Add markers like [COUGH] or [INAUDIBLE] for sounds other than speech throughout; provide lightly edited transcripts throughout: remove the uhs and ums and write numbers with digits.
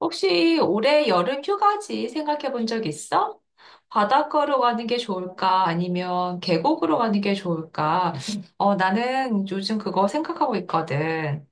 혹시 올해 여름 휴가지 생각해 본 적 있어? 바닷가로 가는 게 좋을까? 아니면 계곡으로 가는 게 좋을까? 나는 요즘 그거 생각하고 있거든.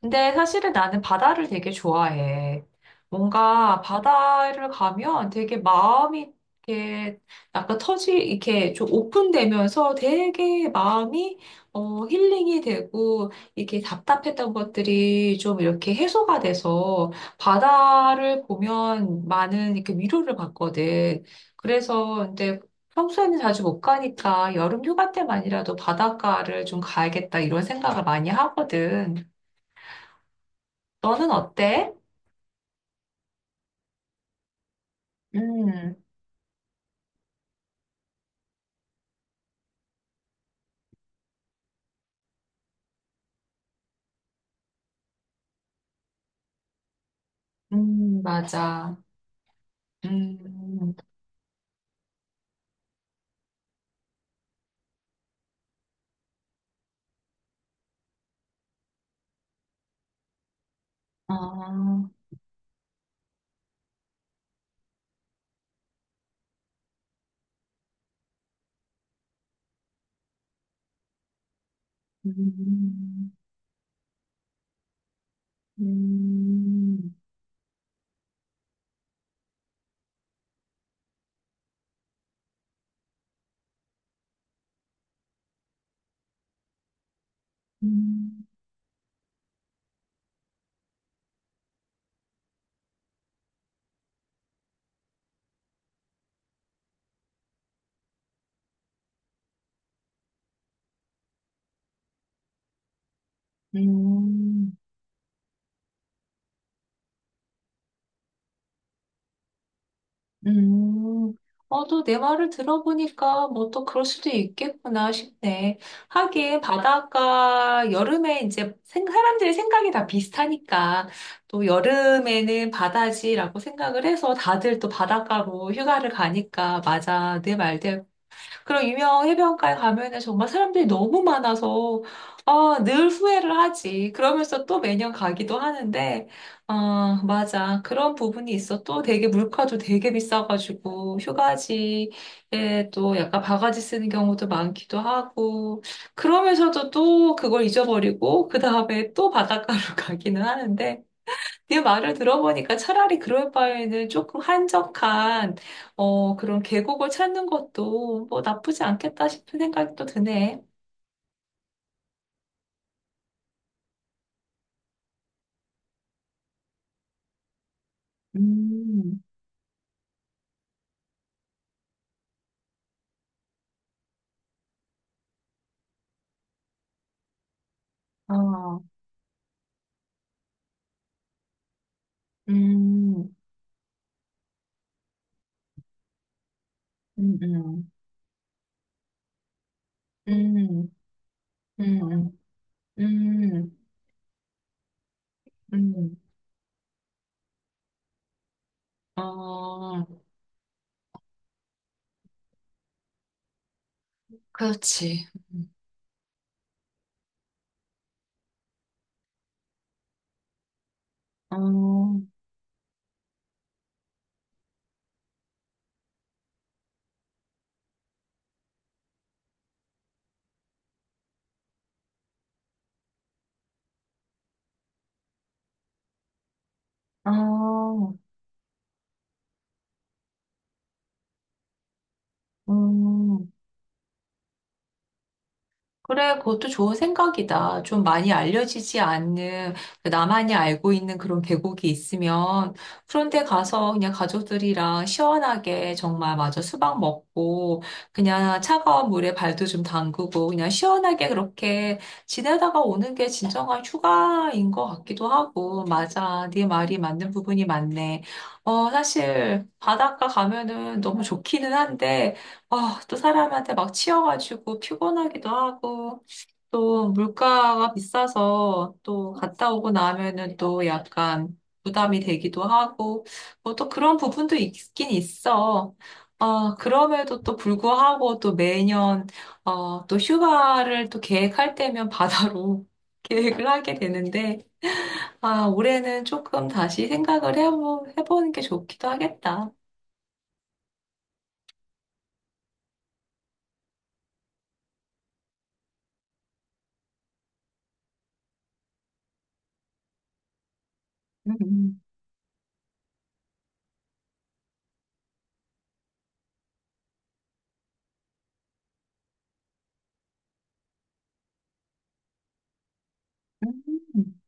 근데 사실은 나는 바다를 되게 좋아해. 뭔가 바다를 가면 되게 마음이 이렇게 약간 이렇게 좀 오픈되면서 되게 마음이 힐링이 되고 이렇게 답답했던 것들이 좀 이렇게 해소가 돼서 바다를 보면 많은 이렇게 위로를 받거든. 그래서 근데 평소에는 자주 못 가니까 여름 휴가 때만이라도 바닷가를 좀 가야겠다 이런 생각을 많이 하거든. 너는 어때? 음. 음. 맞아. 음. 아. 음. 음. 음. 음. 음. 또 내 말을 들어보니까 뭐 또 그럴 수도 있겠구나 싶네. 하긴 바닷가 여름에 이제 사람들의 생각이 다 비슷하니까 또 여름에는 바다지라고 생각을 해서 다들 또 바닷가로 휴가를 가니까 맞아. 내 말대로. 그런 유명 해변가에 가면은 정말 사람들이 너무 많아서 늘 후회를 하지. 그러면서 또 매년 가기도 하는데 맞아. 그런 부분이 있어. 또 되게 물가도 되게 비싸가지고 휴가지에 또 약간 바가지 쓰는 경우도 많기도 하고 그러면서도 또 그걸 잊어버리고 그 다음에 또 바닷가로 [LAUGHS] 가기는 하는데 네 말을 들어보니까 차라리 그럴 바에는 조금 한적한, 그런 계곡을 찾는 것도 뭐 나쁘지 않겠다 싶은 생각이 또 드네. 음. 아. 음. 음. 음. 음. 음. 음. 음. 어, 그렇지. 어. 어. 음. 그래, 그것도 좋은 생각이다. 좀 많이 알려지지 않는, 그러니까 나만이 알고 있는 그런 계곡이 있으면, 그런데 가서 그냥 가족들이랑 시원하게 정말 마저 수박 먹고, 그냥 차가운 물에 발도 좀 담그고, 그냥 시원하게 그렇게 지내다가 오는 게 진정한 휴가인 것 같기도 하고, 맞아. 네 말이 맞는 부분이 많네. 사실 바닷가 가면은 너무 좋기는 한데, 또 사람한테 막 치여가지고 피곤하기도 하고, 또 물가가 비싸서 또 갔다 오고 나면은 또 약간 부담이 되기도 하고, 뭐 또 그런 부분도 있긴 있어. 그럼에도 또 불구하고 또 매년, 또 휴가를 또 계획할 때면 바다로 [LAUGHS] 계획을 하게 되는데, 올해는 조금 다시 생각을 해보는 게 좋기도 하겠다. 음. 음.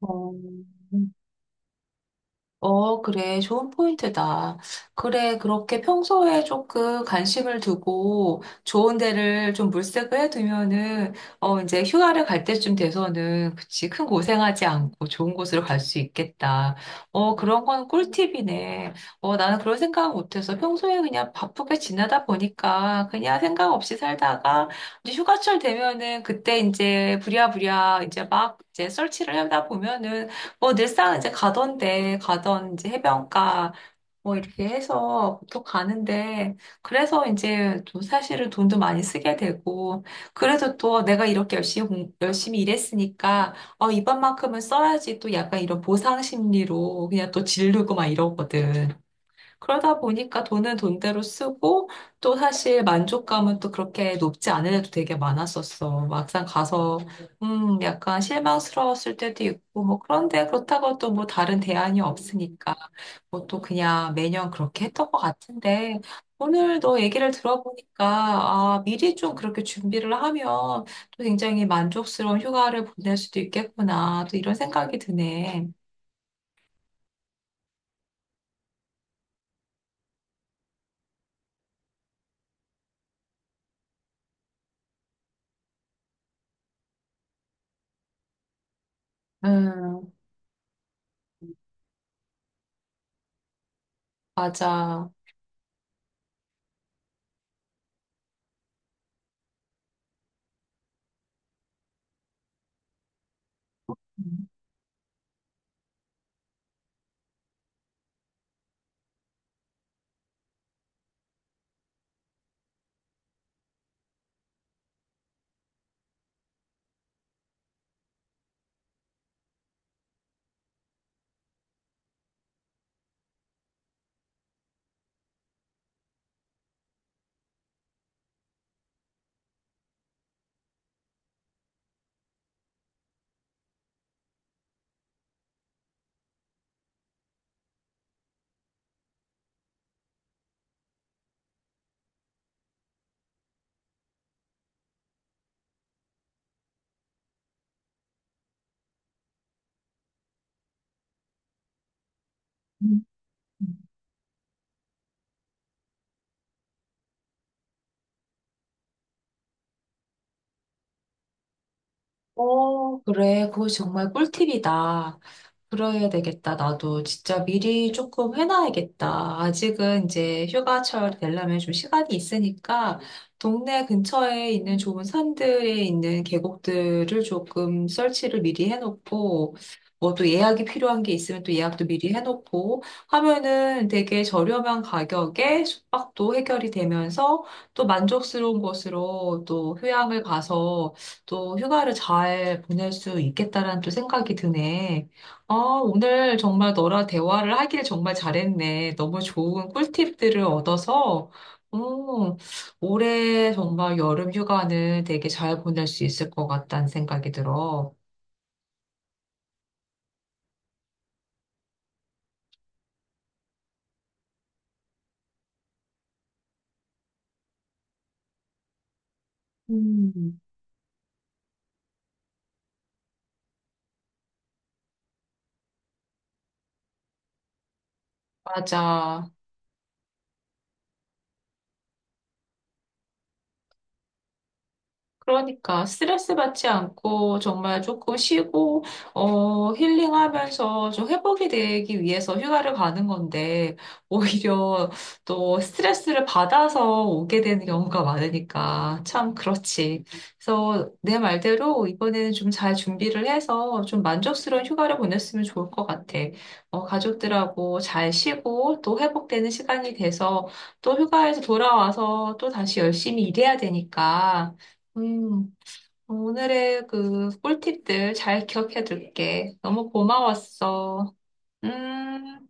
어, 어, 그래. 좋은 포인트다. 그래. 그렇게 평소에 조금 관심을 두고 좋은 데를 좀 물색을 해두면은, 이제 휴가를 갈 때쯤 돼서는, 그치. 큰 고생하지 않고 좋은 곳으로 갈 수 있겠다. 그런 건 꿀팁이네. 나는 그런 생각 못해서 평소에 그냥 바쁘게 지내다 보니까 그냥 생각 없이 살다가 이제 휴가철 되면은 그때 이제 부랴부랴 이제 막 이제 설치를 하다 보면은 뭐 늘상 이제 가던데 가던 이제 해변가 뭐 이렇게 해서 보통 가는데 그래서 이제 또 사실은 돈도 많이 쓰게 되고 그래도 또 내가 이렇게 열심히 열심히 일했으니까 이번만큼은 써야지 또 약간 이런 보상 심리로 그냥 또 지르고 막 이러거든. 그러다 보니까 돈은 돈대로 쓰고 또 사실 만족감은 또 그렇게 높지 않은 애도 되게 많았었어. 막상 가서 약간 실망스러웠을 때도 있고 뭐 그런데 그렇다고 또 뭐 다른 대안이 없으니까 뭐 또 그냥 매년 그렇게 했던 것 같은데 오늘 너 얘기를 들어보니까 미리 좀 그렇게 준비를 하면 또 굉장히 만족스러운 휴가를 보낼 수도 있겠구나 또 이런 생각이 드네. 음, 맞아. 음. 음. 그래, 그거 정말 꿀팁이다. 그래야 되겠다. 나도 진짜 미리 조금 해놔야겠다. 아직은 이제 휴가철 되려면 좀 시간이 있으니까 동네 근처에 있는 좋은 산들에 있는 계곡들을 조금 설치를 미리 해놓고 뭐 또 예약이 필요한 게 있으면 또 예약도 미리 해놓고 하면은 되게 저렴한 가격에 숙박도 해결이 되면서 또 만족스러운 곳으로 또 휴양을 가서 또 휴가를 잘 보낼 수 있겠다라는 또 생각이 드네. 아, 오늘 정말 너랑 대화를 하길 정말 잘했네. 너무 좋은 꿀팁들을 얻어서, 음. 올해 정말 여름 휴가는 되게 잘 보낼 수 있을 것 같다는 생각이 들어. 음. 맞아. 그러니까 스트레스 받지 않고 정말 조금 쉬고 힐링하면서 좀 회복이 되기 위해서 휴가를 가는 건데 오히려 또 스트레스를 받아서 오게 되는 경우가 많으니까 참 그렇지. 그래서 내 말대로 이번에는 좀 잘 준비를 해서 좀 만족스러운 휴가를 보냈으면 좋을 것 같아. 가족들하고 잘 쉬고 또 회복되는 시간이 돼서 또 휴가에서 돌아와서 또 다시 열심히 일해야 되니까 음, 오늘의 그 꿀팁들 잘 기억해 둘게. 너무 고마웠어. 음.